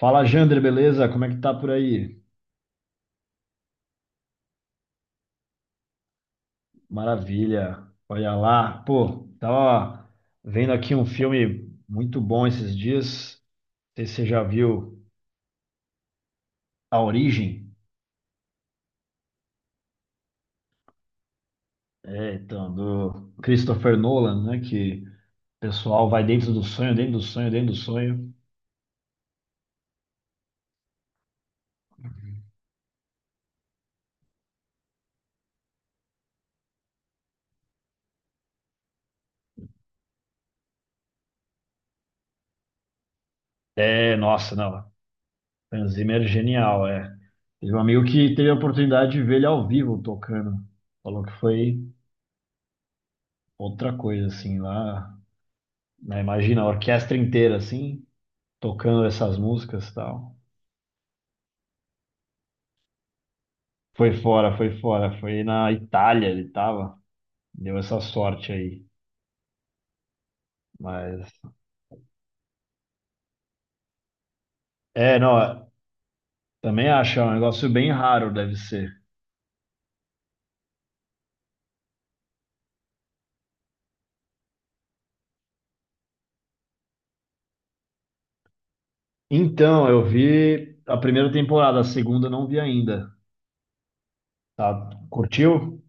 Fala, Jander, beleza? Como é que tá por aí? Maravilha. Olha lá. Pô, tava vendo aqui um filme muito bom esses dias. Não sei se você já viu A Origem, é, então, do Christopher Nolan, né? Que o pessoal vai dentro do sonho, dentro do sonho, dentro do sonho. É, nossa, não. Hans Zimmer é genial, é. Teve um amigo que teve a oportunidade de ver ele ao vivo tocando. Falou que foi outra coisa, assim, lá, né. Imagina, a orquestra inteira, assim, tocando essas músicas e tal. Foi fora, foi fora, foi na Itália ele tava, deu essa sorte aí, mas é, não, também acho, é um negócio bem raro, deve ser. Então, eu vi a primeira temporada, a segunda eu não vi ainda, tá? Curtiu?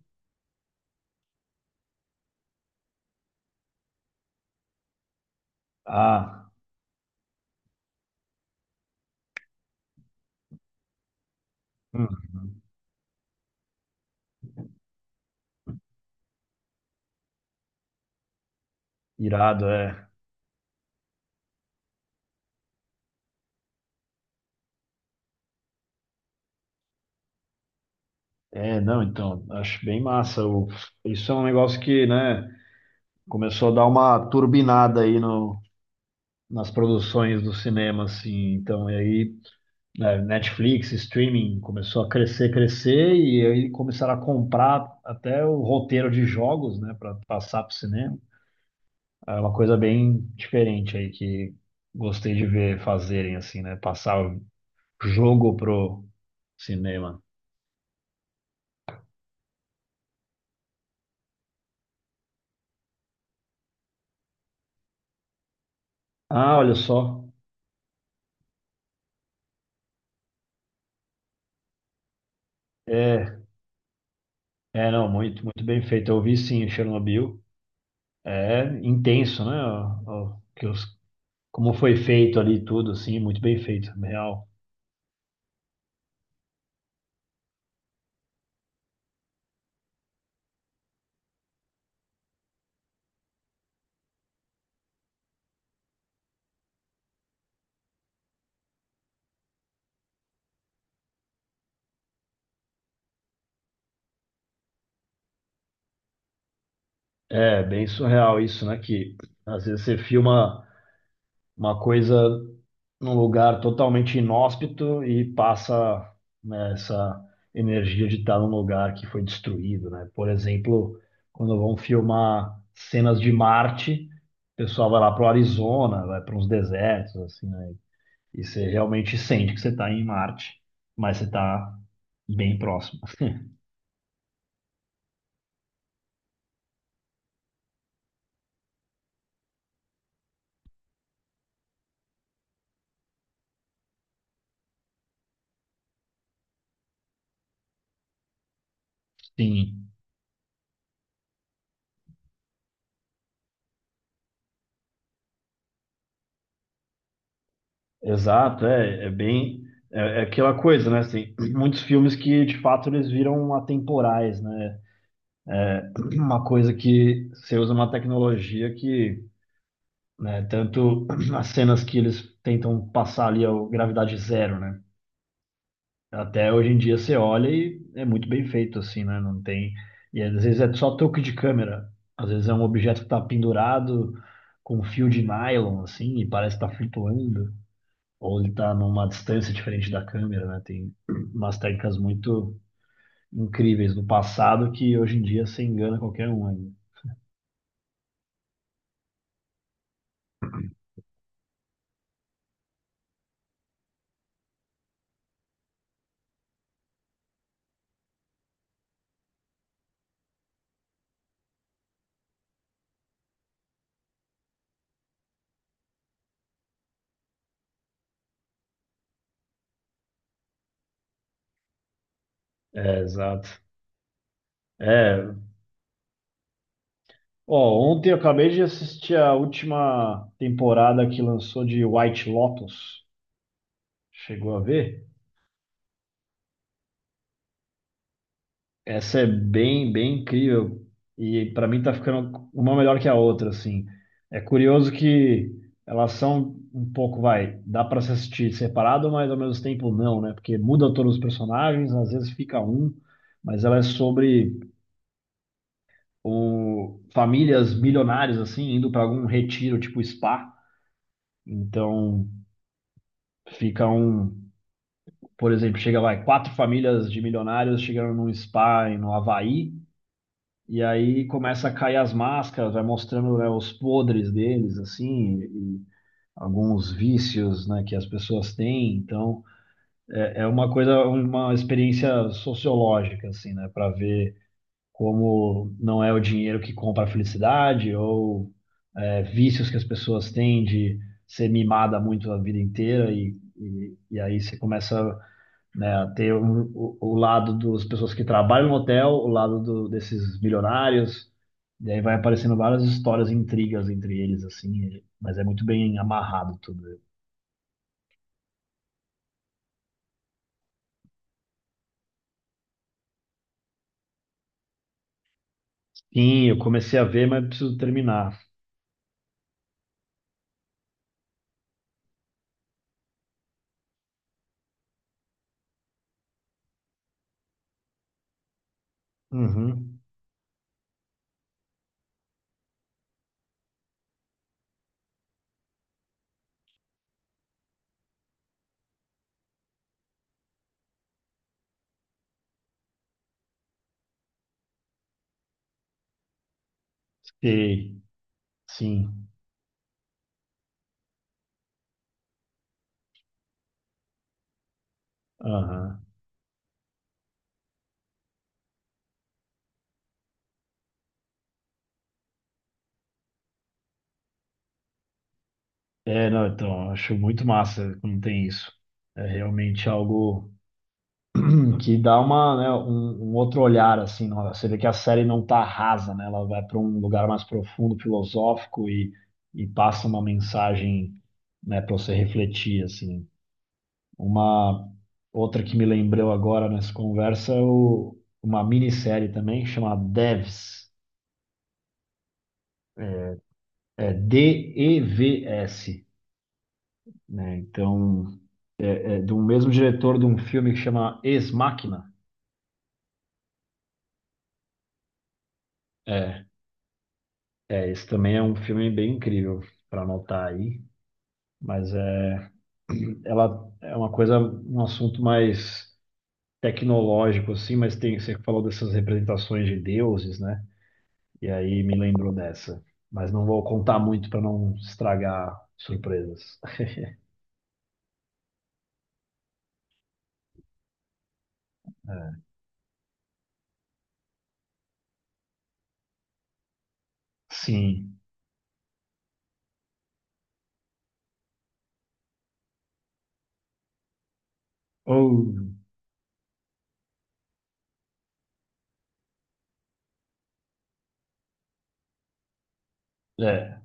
Ah, hum, irado, é. É, não, então, acho bem massa. Isso é um negócio que, né, começou a dar uma turbinada aí no, nas produções do cinema, assim, então, e aí é, Netflix, streaming começou a crescer, crescer, e aí começaram a comprar até o roteiro de jogos, né, para passar para o cinema. É uma coisa bem diferente aí que gostei de ver fazerem assim, né, passar o jogo pro cinema. Ah, olha só. É, é não, muito, muito bem feito. Eu vi sim Chernobyl. É intenso, né? Como foi feito ali tudo, assim, muito bem feito, real. É bem surreal isso, né? Que às vezes você filma uma coisa num lugar totalmente inóspito e passa, né, essa energia de estar num lugar que foi destruído, né? Por exemplo, quando vão filmar cenas de Marte, o pessoal vai lá para o Arizona, vai para uns desertos, assim, né? E você realmente sente que você está em Marte, mas você está bem próximo. Sim. Exato, é bem. É aquela coisa, né? Assim, muitos filmes que de fato eles viram atemporais, né? Uma coisa que você usa uma tecnologia que, né, tanto as cenas que eles tentam passar ali a gravidade zero, né? Até hoje em dia você olha e é muito bem feito, assim, né? Não tem. E às vezes é só toque de câmera. Às vezes é um objeto que está pendurado com um fio de nylon, assim, e parece estar flutuando, ou ele está numa distância diferente da câmera, né? Tem umas técnicas muito incríveis do passado que hoje em dia você engana qualquer um ainda. É, exato. É. Ó, ontem eu acabei de assistir a última temporada que lançou de White Lotus. Chegou a ver? Essa é bem, bem incrível e para mim tá ficando uma melhor que a outra, assim. É curioso que elas são um pouco, vai, dá para se assistir separado, mas ao mesmo tempo não, né? Porque muda todos os personagens, às vezes fica um, mas ela é sobre famílias milionárias assim indo para algum retiro, tipo spa. Então fica um, por exemplo, chega vai quatro famílias de milionários chegando num spa no Havaí. E aí começa a cair as máscaras, vai mostrando, né, os podres deles, assim, e alguns vícios, né, que as pessoas têm. Então, é uma coisa, uma experiência sociológica, assim, né, para ver como não é o dinheiro que compra a felicidade ou é, vícios que as pessoas têm de ser mimada muito a vida inteira e aí você começa, né, ter o lado das pessoas que trabalham no hotel, o lado desses milionários, e aí vai aparecendo várias histórias, intrigas entre eles, assim, mas é muito bem amarrado tudo. Sim, eu comecei a ver, mas preciso terminar. Uhum. Sei, sim. Aham. É, não, então, acho muito massa quando tem isso. É realmente algo que dá uma, né, um outro olhar assim. Você vê que a série não tá rasa, né? Ela vai para um lugar mais profundo, filosófico e passa uma mensagem, né, para você refletir assim. Uma outra que me lembrou agora nessa conversa é uma minissérie também chamada Devs, é DEVS, né? Então, é do mesmo diretor de um filme que chama Ex Machina. É, é, esse também é um filme bem incrível para anotar aí. Mas é, ela é uma coisa, um assunto mais tecnológico, assim, mas tem, você falou dessas representações de deuses, né? E aí me lembrou dessa. Mas não vou contar muito para não estragar surpresas. Sim. Ou, é,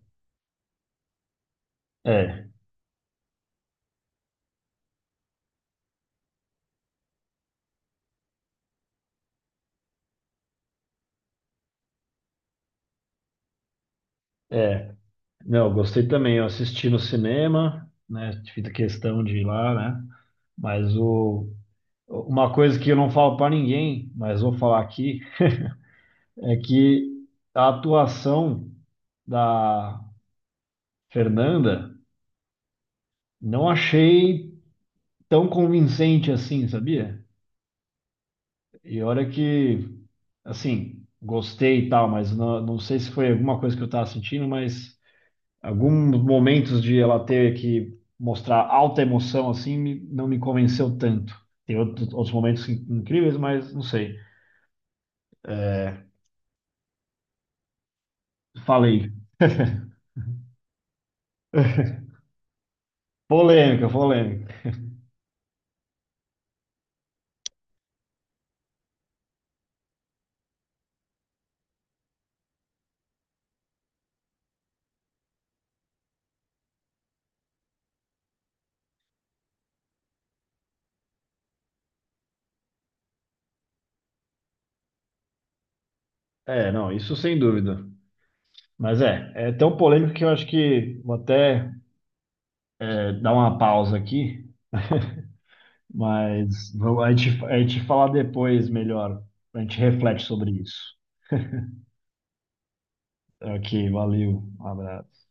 é, é. Não, eu gostei também. Eu assisti no cinema, né? Fiz questão de ir lá, né? Mas o, uma coisa que eu não falo para ninguém, mas vou falar aqui, é que a atuação da Fernanda, não achei tão convincente assim, sabia? E olha que, assim, gostei e tal, mas não, não sei se foi alguma coisa que eu tava sentindo, mas alguns momentos de ela ter que mostrar alta emoção assim não me convenceu tanto. Tem outros, momentos incríveis, mas não sei. É, falei. Polêmica, polêmica. É, não, isso sem dúvida. Mas é, é tão polêmico que eu acho que vou até é, dar uma pausa aqui, mas vamos, a gente fala depois melhor. A gente reflete sobre isso. Ok, valeu. Um abraço.